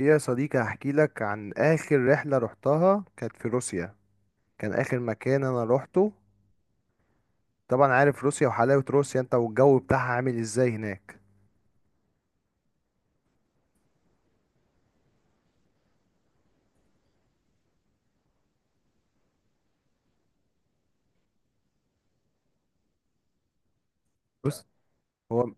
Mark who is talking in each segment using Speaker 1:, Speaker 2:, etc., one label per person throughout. Speaker 1: يا صديقي هحكي لك عن آخر رحلة رحتها، كانت في روسيا. كان آخر مكان أنا روحته. طبعا عارف روسيا وحلاوة روسيا أنت والجو بتاعها عامل إزاي هناك. بص، هو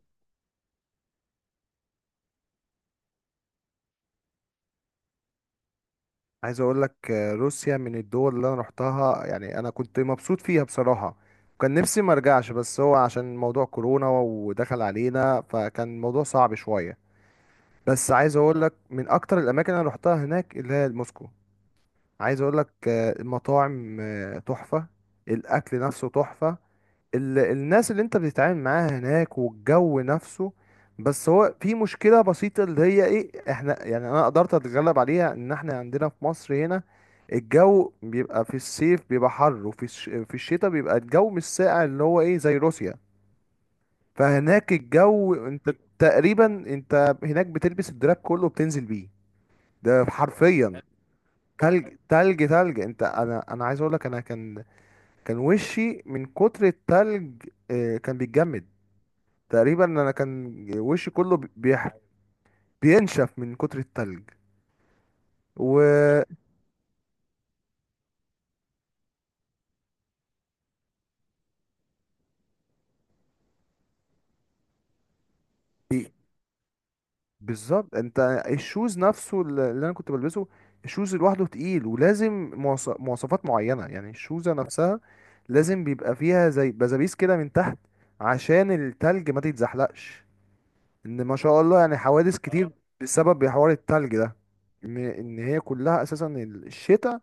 Speaker 1: عايز أقول لك روسيا من الدول اللي أنا روحتها، يعني أنا كنت مبسوط فيها بصراحة. وكان نفسي ما أرجعش، بس هو عشان موضوع كورونا ودخل علينا، فكان الموضوع صعب شوية. بس عايز أقول لك من أكتر الأماكن اللي أنا روحتها هناك اللي هي موسكو. عايز أقول لك المطاعم تحفة. الأكل نفسه تحفة. الناس اللي انت بتتعامل معاها هناك والجو نفسه. بس هو في مشكلة بسيطة اللي هي ايه، احنا يعني انا قدرت اتغلب عليها، ان احنا عندنا في مصر هنا الجو بيبقى في الصيف بيبقى حر، وفي في الشتاء بيبقى الجو مش ساقع اللي هو ايه زي روسيا. فهناك الجو انت تقريبا انت هناك بتلبس الدراب كله وبتنزل بيه، ده حرفيا. تلج تلج تلج، انت انا عايز اقول لك، انا كان كان وشي من كتر التلج كان بيتجمد. تقريبا انا كان وشي كله بينشف من كتر التلج. و بي- بالظبط انت. الشوز نفسه اللي انا كنت بلبسه، الشوز لوحده تقيل، ولازم مواصفات معينة يعني الشوزة نفسها لازم بيبقى فيها زي بزابيس كده من تحت، عشان التلج ما تتزحلقش. ان ما شاء الله يعني حوادث كتير اه، بسبب حوار التلج ده. ان هي كلها اساسا الشتاء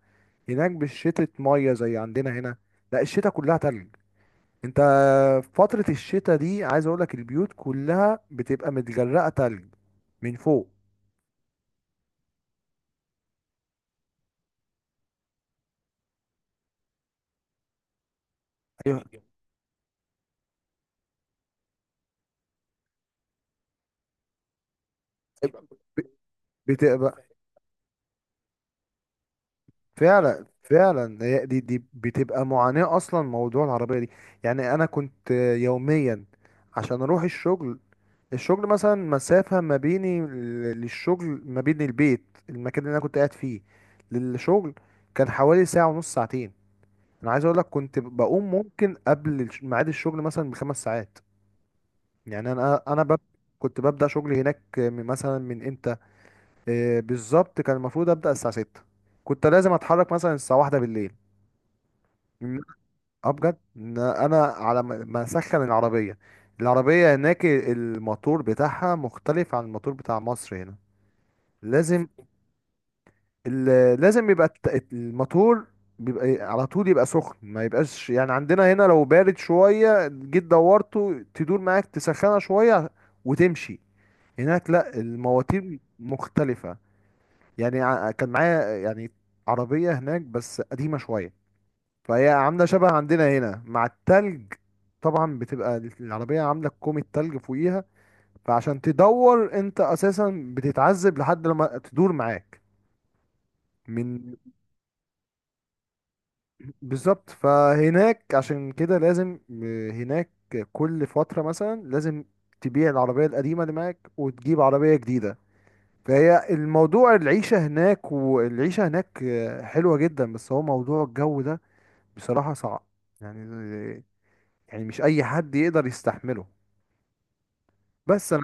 Speaker 1: هناك مش شتاء ميه زي عندنا هنا. لا، الشتاء كلها تلج. انت في فترة الشتاء دي عايز اقول لك البيوت كلها بتبقى متجرقة تلج من فوق. ايوه، ب- بتبقى فعلا فعلا. هي دي بتبقى معاناة اصلا موضوع العربية دي. يعني انا كنت يوميا عشان اروح الشغل، الشغل مثلا مسافة ما بيني للشغل، ما بين البيت، المكان اللي انا كنت قاعد فيه، للشغل، كان حوالي ساعة ونص، ساعتين. انا عايز اقول لك كنت بقوم ممكن قبل ميعاد الشغل مثلا بخمس ساعات. يعني كنت ببدا شغلي هناك مثلا من امتى. بالظبط كان المفروض ابدا الساعه 6، كنت لازم اتحرك مثلا الساعه 1 بالليل. إن- اه بجد، إن انا على ما اسخن العربيه، العربيه هناك الموتور بتاعها مختلف عن الموتور بتاع مصر هنا. لازم لازم يبقى الموتور بيبقى على طول يبقى سخن، ما يبقاش يعني عندنا هنا لو بارد شوية جيت دورته تدور معاك تسخنها شوية وتمشي. هناك لا، المواتير مختلفة. يعني كان معايا يعني عربية هناك بس قديمة شوية، فهي عاملة شبه عندنا هنا مع التلج. طبعا بتبقى العربية عاملة كومة تلج فوقيها، فعشان تدور انت اساسا بتتعذب لحد لما تدور معاك. من بالظبط. فهناك عشان كده لازم، هناك كل فترة مثلا لازم تبيع العربية القديمة اللي معاك وتجيب عربية جديدة. فهي الموضوع، العيشة هناك، والعيشة هناك حلوة جدا، بس هو موضوع الجو ده بصراحة صعب. يعني يعني مش أي حد يقدر يستحمله. بس أنا،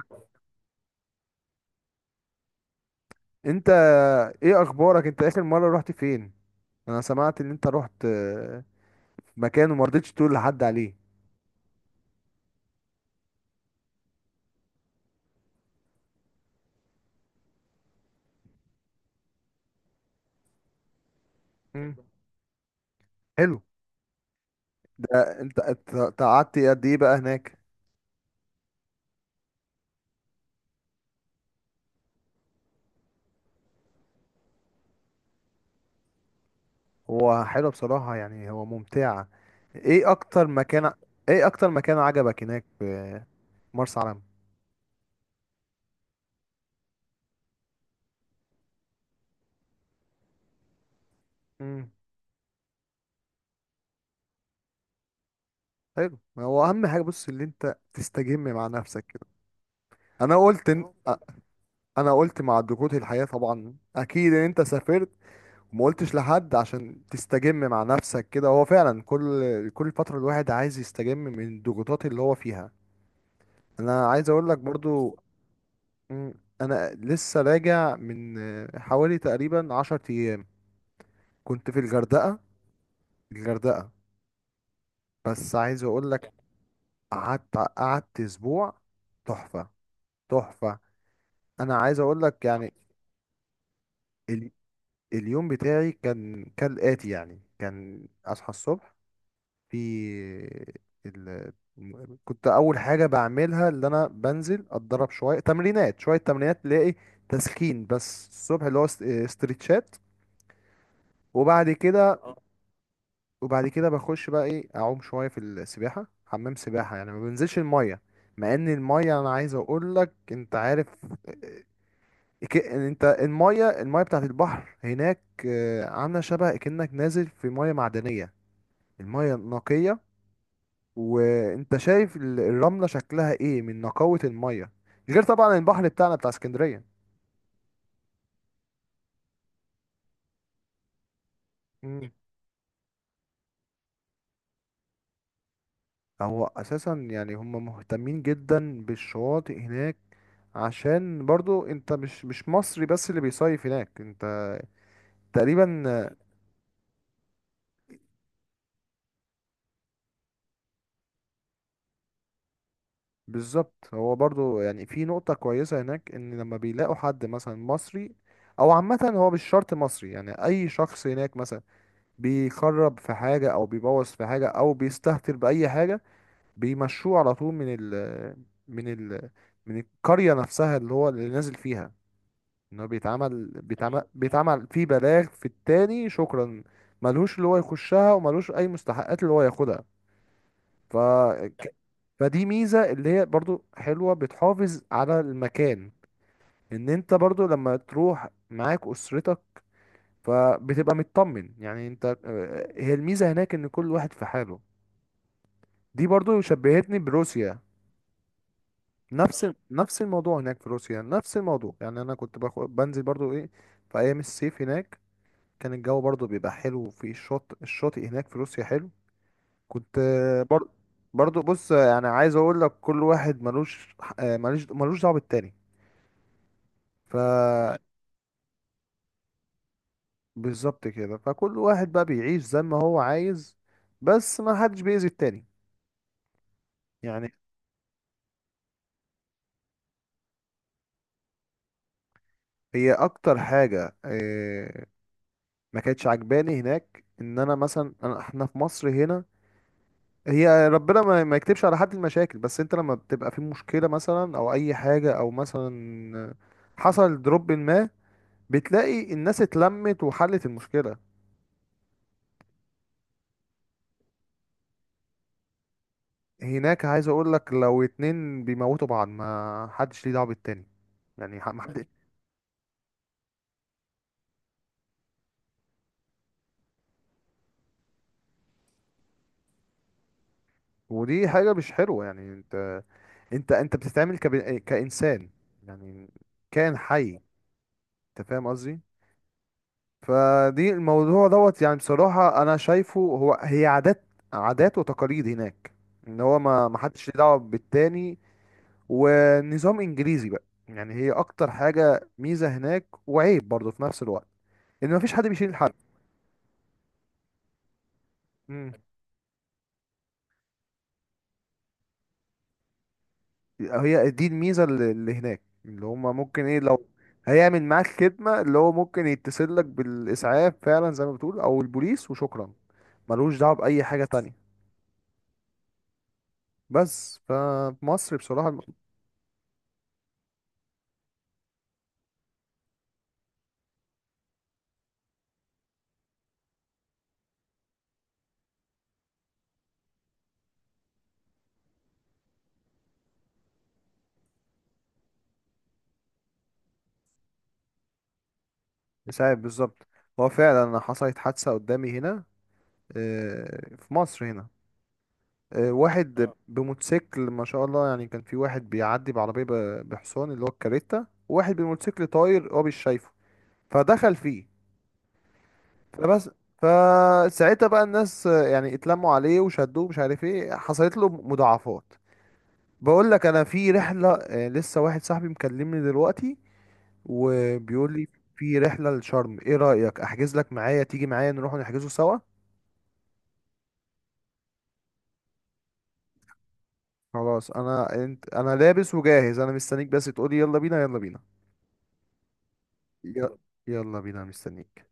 Speaker 1: أنت، إيه أخبارك، أنت آخر مرة رحت فين؟ أنا سمعت إن أنت رحت مكان وما رضيتش تقول لحد عليه. مم. حلو. ده انت انت أنت قعدت قد ايه بقى هناك؟ هو حلو بصراحة، يعني هو ممتعة. ايه اكتر مكان، ايه اكتر مكان عجبك هناك في مرسى علم؟ امم حلو. ما هو اهم حاجة بص اللي انت تستجم مع نفسك كده. انا قلت إن... أ- انا قلت مع ضغوط الحياة طبعا، اكيد ان انت سافرت وما قلتش لحد عشان تستجم مع نفسك كده. هو فعلا كل فترة الواحد عايز يستجم من الضغوطات اللي هو فيها. انا عايز اقول لك برضو، مم. انا لسه راجع من حوالي تقريبا عشر ايام، كنت في الغردقه، الغردقه. بس عايز اقول لك قعدت اسبوع، تحفه تحفه. انا عايز اقول لك يعني ال... اليوم بتاعي كان كالاتي، يعني كان اصحى الصبح في ال... كنت اول حاجه بعملها اللي انا بنزل اتدرب شويه تمرينات، شويه تمرينات تلاقي تسخين بس الصبح اللي هو استرتشات. وبعد كده، وبعد كده بخش بقى ايه اعوم شويه في السباحه، حمام سباحه، يعني ما بنزلش الميه. مع ان الميه انا عايز اقول لك انت عارف، آه، انت الميه، الميه بتاعت البحر هناك عامله شبه كأنك نازل في ميه معدنيه، الميه نقيه وانت شايف الرمله شكلها ايه من نقاوه الميه، غير طبعا البحر بتاعنا بتاع اسكندريه. هو اساسا يعني هم مهتمين جدا بالشواطئ هناك، عشان برضو انت مش مصري بس اللي بيصيف هناك، انت تقريبا. بالظبط هو برضو يعني في نقطة كويسة هناك ان لما بيلاقوا حد مثلا مصري او عامة، هو مش شرط مصري، يعني اي شخص هناك مثلا بيخرب في حاجة او بيبوظ في حاجة او بيستهتر بأي حاجة، بيمشوه على طول من ال من القرية نفسها اللي هو اللي نازل فيها. ان هو بيتعمل في بلاغ في التاني، شكرا. ملهوش اللي هو يخشها، وملهوش اي مستحقات اللي هو ياخدها. ف ك- فدي ميزة اللي هي برضو حلوة، بتحافظ على المكان، ان انت برضو لما تروح معاك اسرتك فبتبقى مطمن، يعني انت هي الميزة هناك ان كل واحد في حاله. دي برضو شبهتني بروسيا. نفس الموضوع، هناك في روسيا نفس الموضوع، يعني انا كنت باخد بنزل برضو ايه في ايام الصيف هناك كان الجو برضو بيبقى حلو في الشط، الشاطئ هناك في روسيا حلو. كنت برضو بص يعني عايز اقول لك كل واحد ملوش ملوش دعوه بالتاني. ف بالظبط كده، فكل واحد بقى بيعيش زي ما هو عايز، بس ما حدش بيأذي التاني. يعني هي اكتر حاجه ما كانتش عجباني هناك ان انا مثلا احنا في مصر هنا، هي ربنا ما يكتبش على حد المشاكل، بس انت لما بتبقى في مشكلة مثلا او اي حاجة او مثلا حصل دروب ما، بتلاقي الناس اتلمت وحلت المشكلة. هناك عايز اقول لك لو اتنين بيموتوا بعض ما حدش ليه دعوة بالتاني. يعني ح- ما حد ودي حاجة مش حلوة، يعني انت، انت بتتعامل كإنسان، يعني كائن حي، انت فاهم قصدي. فدي الموضوع دوت يعني بصراحة أنا شايفه، هو هي عادات، عادات وتقاليد هناك، إن هو ما حدش ليه دعوة بالتاني، ونظام إنجليزي بقى. يعني هي أكتر حاجة ميزة هناك وعيب برضه في نفس الوقت، إن ما فيش حد بيشيل حد. مم. هي دي الميزة اللي هناك، اللي هما ممكن إيه لو هيعمل معاك خدمة، اللي هو ممكن يتصل لك بالإسعاف فعلا زي ما بتقول أو البوليس، وشكرا، ملوش دعوة بأي حاجة تانية. بس فمصر بصراحة، يساعد بالظبط. هو فعلا حصلت حادثة قدامي هنا في مصر هنا. واحد اه بموتوسيكل، ما شاء الله، يعني كان في واحد بيعدي بعربية بحصان اللي هو الكاريتا، وواحد بموتوسيكل طاير، هو مش شايفه، فدخل فيه. فبس، فساعتها بقى الناس يعني اتلموا عليه وشدوه، مش عارف ايه حصلت له مضاعفات. بقول لك انا في رحلة، لسه واحد صاحبي مكلمني دلوقتي وبيقول لي في رحلة لشرم، ايه رأيك احجز لك معايا تيجي معايا نروح نحجزه سوا. خلاص انا، انت انا لابس وجاهز، انا مستنيك بس تقولي يلا بينا يلا بينا. ي- يلا بينا، مستنيك.